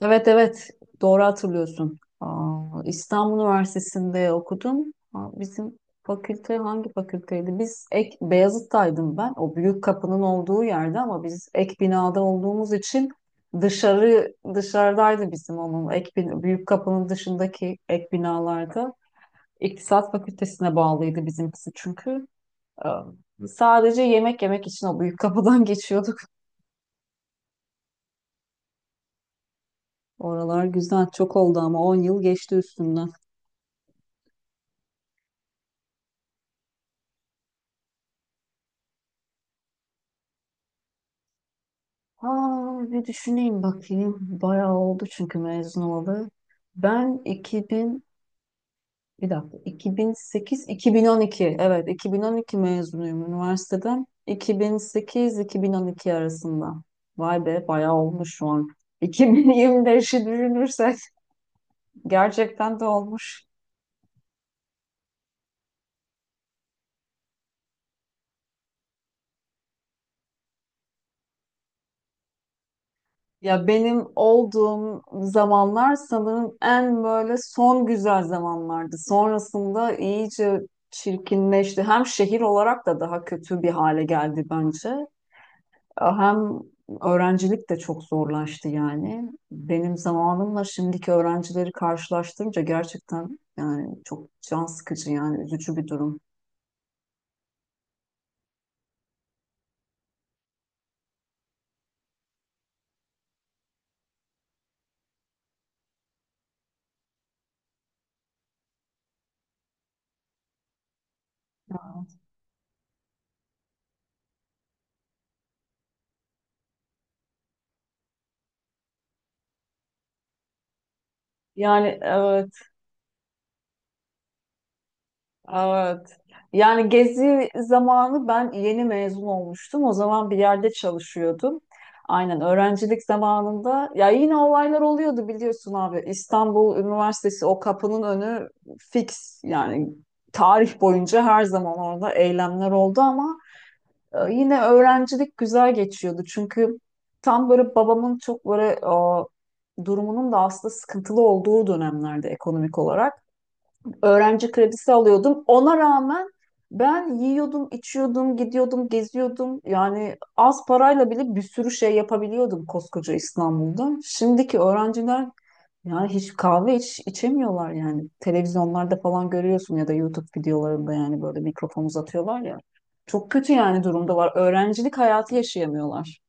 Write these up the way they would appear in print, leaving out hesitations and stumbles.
Evet, evet, doğru hatırlıyorsun. İstanbul Üniversitesi'nde okudum. Ha, Bizim fakülte hangi fakülteydi? Biz ek Beyazıt'taydım ben. O büyük kapının olduğu yerde ama biz ek binada olduğumuz için dışarı dışarıdaydı bizim onun ek büyük kapının dışındaki ek binalarda. İktisat Fakültesine bağlıydı bizimkisi çünkü. Aa, Sadece yemek yemek için o büyük kapıdan geçiyorduk. Oralar güzel çok oldu ama 10 yıl geçti üstünden. Bir düşüneyim bakayım. Bayağı oldu çünkü mezun olalı. Ben 2000, bir dakika, 2008-2012, evet 2012 mezunuyum üniversiteden. 2008-2012 arasında. Vay be, bayağı olmuş şu an. 2025'i düşünürsek gerçekten de olmuş. Ya benim olduğum zamanlar sanırım en böyle son güzel zamanlardı. Sonrasında iyice çirkinleşti. Hem şehir olarak da daha kötü bir hale geldi bence. Hem öğrencilik de çok zorlaştı yani. Benim zamanımla şimdiki öğrencileri karşılaştırınca gerçekten yani çok can sıkıcı yani üzücü bir durum. Yani. Evet. Yani gezi zamanı ben yeni mezun olmuştum. O zaman bir yerde çalışıyordum. Aynen öğrencilik zamanında ya yine olaylar oluyordu biliyorsun abi. İstanbul Üniversitesi o kapının önü fix yani tarih boyunca her zaman orada eylemler oldu ama yine öğrencilik güzel geçiyordu. Çünkü tam böyle babamın çok böyle o, durumunun da aslında sıkıntılı olduğu dönemlerde ekonomik olarak öğrenci kredisi alıyordum. Ona rağmen ben yiyordum, içiyordum, gidiyordum, geziyordum. Yani az parayla bile bir sürü şey yapabiliyordum koskoca İstanbul'da. Şimdiki öğrenciler yani hiç kahve içemiyorlar yani. Televizyonlarda falan görüyorsun ya da YouTube videolarında yani böyle mikrofon uzatıyorlar ya. Çok kötü yani durumdalar. Öğrencilik hayatı yaşayamıyorlar.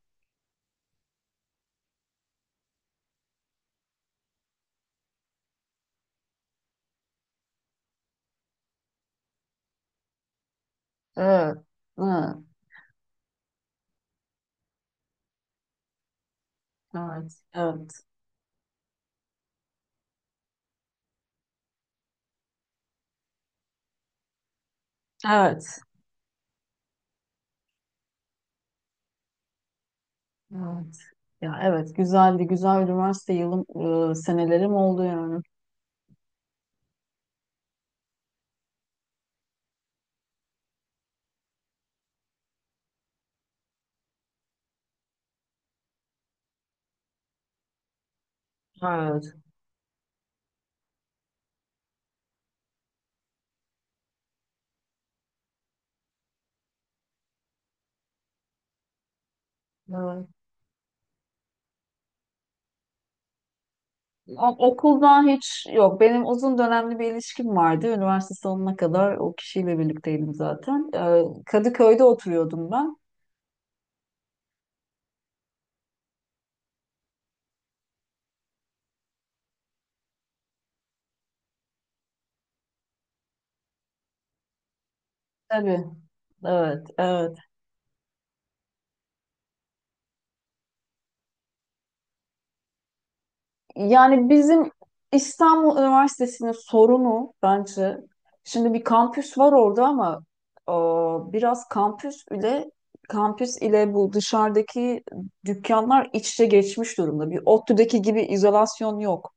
Evet. Evet. Evet. Evet. Evet. Evet. Ya evet, güzeldi. Güzel üniversite yılım senelerim oldu yani. Evet. Evet. Okuldan hiç yok. Benim uzun dönemli bir ilişkim vardı. Üniversite sonuna kadar o kişiyle birlikteydim zaten. Kadıköy'de oturuyordum ben. Tabii. Evet. Evet. Yani bizim İstanbul Üniversitesi'nin sorunu bence şimdi bir kampüs var orada ama e, biraz kampüs ile bu dışarıdaki dükkanlar iç içe geçmiş durumda. Bir ODTÜ'deki gibi izolasyon yok.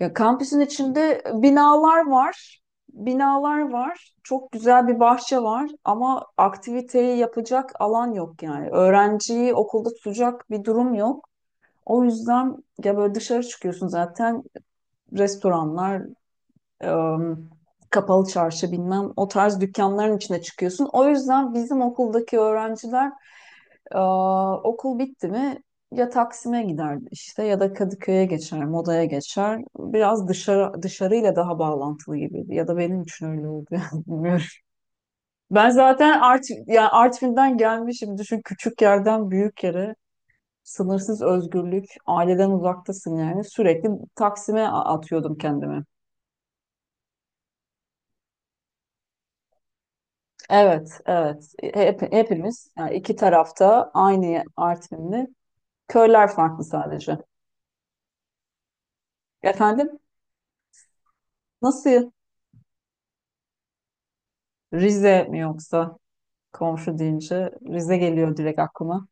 Ya kampüsün içinde binalar var. Binalar var. Çok güzel bir bahçe var ama aktiviteyi yapacak alan yok yani. Öğrenciyi okulda tutacak bir durum yok. O yüzden ya böyle dışarı çıkıyorsun zaten, restoranlar, em, kapalı çarşı bilmem o tarz dükkanların içine çıkıyorsun. O yüzden bizim okuldaki öğrenciler, e, okul bitti mi ya Taksim'e gider işte ya da Kadıköy'e geçer, Moda'ya geçer. Biraz dışarı dışarıyla daha bağlantılı gibiydi ya da benim için öyle oldu yani bilmiyorum. Ben zaten yani Artvin'den gelmişim, düşün, küçük yerden büyük yere, sınırsız özgürlük, aileden uzaktasın yani sürekli Taksim'e atıyordum kendimi. Evet, evet. Hepimiz yani iki tarafta aynı Artvinli. Köyler farklı sadece. Efendim, nasıl? Rize mi yoksa? Komşu deyince Rize geliyor direkt aklıma.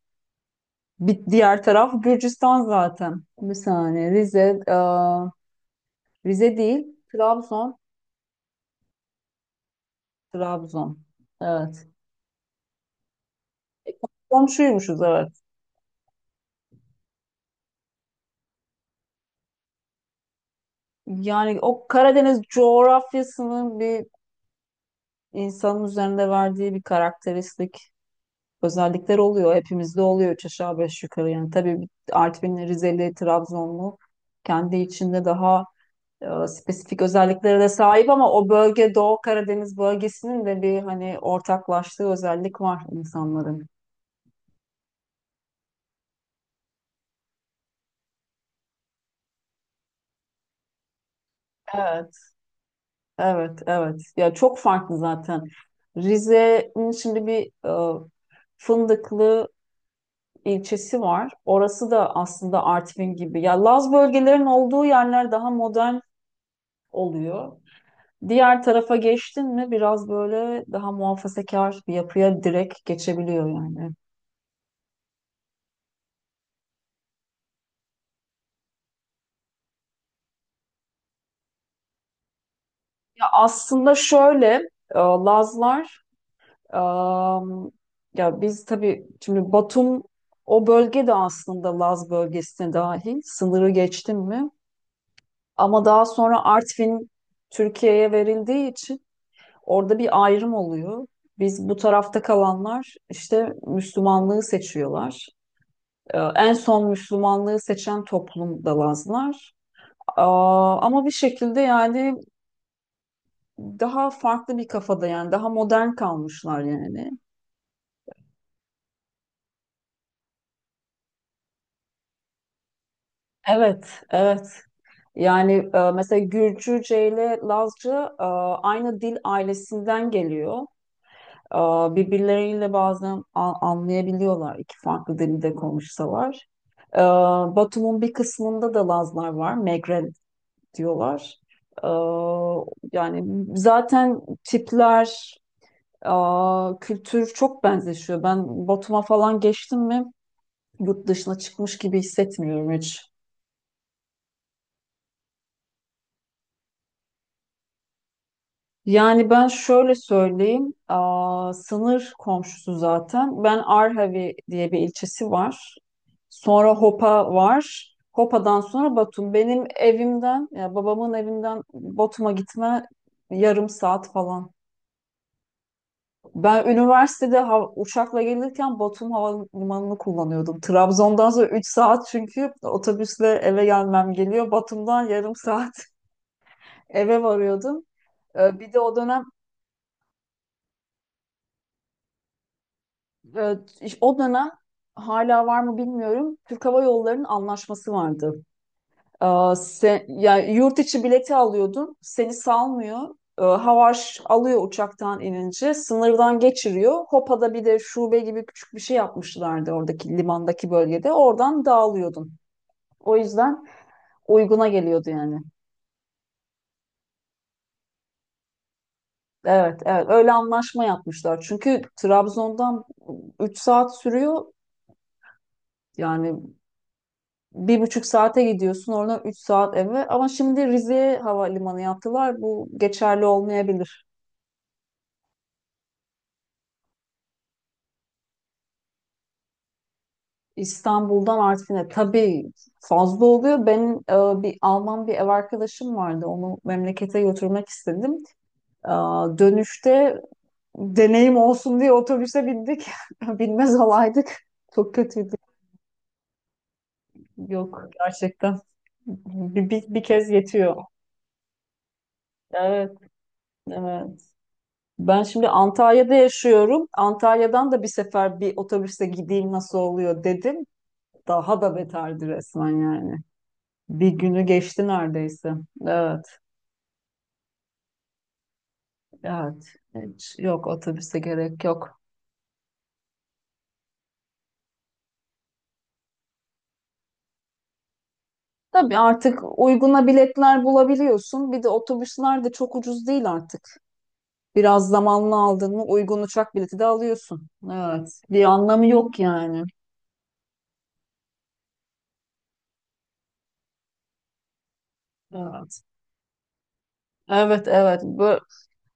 Bir diğer taraf Gürcistan zaten. Bir saniye, Rize, Rize değil, Trabzon, Trabzon. Evet. Komşuymuşuz, evet. Yani o Karadeniz coğrafyasının bir insanın üzerinde verdiği bir karakteristik özellikler oluyor. Hepimizde oluyor üç aşağı beş yukarı. Yani tabii bir Artvinli, Rizeli, Trabzonlu kendi içinde daha spesifik özelliklere de sahip ama o bölge Doğu Karadeniz bölgesinin de bir hani ortaklaştığı özellik var insanların. Evet, evet, evet. Ya çok farklı zaten. Rize'nin şimdi bir Fındıklı ilçesi var. Orası da aslında Artvin gibi. Ya Laz bölgelerin olduğu yerler daha modern oluyor. Diğer tarafa geçtin mi biraz böyle daha muhafazakar bir yapıya direkt geçebiliyor yani. Ya aslında şöyle, Lazlar, e, ya biz tabii şimdi Batum, o bölge de aslında Laz bölgesine dahil sınırı geçtin mi? Ama daha sonra Artvin Türkiye'ye verildiği için orada bir ayrım oluyor. Biz bu tarafta kalanlar işte Müslümanlığı seçiyorlar. En son Müslümanlığı seçen toplum da Lazlar. Ama bir şekilde yani daha farklı bir kafada yani daha modern kalmışlar yani. Evet, evet. Yani mesela Gürcüce ile Lazca, aynı dil ailesinden geliyor. E, Birbirleriyle bazen anlayabiliyorlar iki farklı dilde konuşsalar. E, Batum'un bir kısmında da Lazlar var, Megre diyorlar. Ee, Yani zaten tipler, kültür çok benzeşiyor. Ben Batum'a falan geçtim mi yurt dışına çıkmış gibi hissetmiyorum hiç. Yani ben şöyle söyleyeyim, sınır komşusu zaten. Ben Arhavi diye bir ilçesi var. Sonra Hopa var. Hopa'dan sonra Batum. Benim evimden, ya babamın evinden Batum'a gitme yarım saat falan. Ben üniversitede uçakla gelirken Batum Havalimanı'nı kullanıyordum. Trabzon'dan sonra 3 saat çünkü otobüsle eve gelmem geliyor. Batum'dan yarım saat eve varıyordum. Bir de o dönem, e, o dönem hala var mı bilmiyorum. Türk Hava Yolları'nın anlaşması vardı. Sen, yani yurt içi bileti alıyordun, seni salmıyor. Havaş alıyor uçaktan inince, sınırdan geçiriyor. Hopa'da bir de şube gibi küçük bir şey yapmışlardı oradaki limandaki bölgede. Oradan dağılıyordun. O yüzden uyguna geliyordu yani. Evet, evet. Öyle anlaşma yapmışlar. Çünkü Trabzon'dan 3 saat sürüyor. Yani bir buçuk saate gidiyorsun, oradan 3 saat eve. Ama şimdi Rize'ye havalimanı yaptılar. Bu geçerli olmayabilir. İstanbul'dan Artvin'e tabii fazla oluyor. Benim bir Alman bir ev arkadaşım vardı. Onu memlekete götürmek istedim. E, Dönüşte deneyim olsun diye otobüse bindik. Binmez olaydık. Çok kötüydü. Yok, gerçekten. Bir kez yetiyor. Evet, evet. Ben şimdi Antalya'da yaşıyorum. Antalya'dan da bir sefer bir otobüste gideyim nasıl oluyor dedim. Daha da beterdi resmen yani. Bir günü geçti neredeyse. Evet. Evet. Hiç yok, otobüse gerek yok. Tabii artık uyguna biletler bulabiliyorsun. Bir de otobüsler de çok ucuz değil artık. Biraz zamanlı aldın mı uygun uçak bileti de alıyorsun. Evet. Bir anlamı yok yani. Evet. Evet, evet.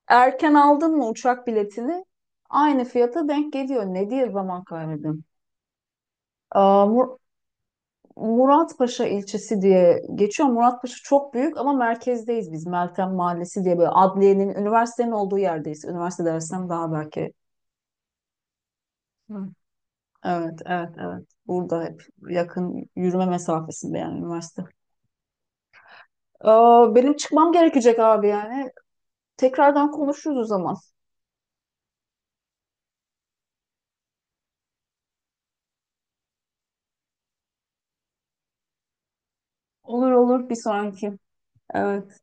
Erken aldın mı uçak biletini aynı fiyata denk geliyor. Ne diye zaman kaybedin? Muratpaşa ilçesi diye geçiyor. Muratpaşa çok büyük ama merkezdeyiz biz. Meltem Mahallesi diye böyle adliyenin, üniversitenin olduğu yerdeyiz. Üniversite dersem daha belki. Hı. Evet, evet, evet. Burada hep yakın yürüme mesafesinde yani üniversite. Benim çıkmam gerekecek abi yani. Tekrardan konuşuruz o zaman. Olur, olur. Bir sonraki. Evet.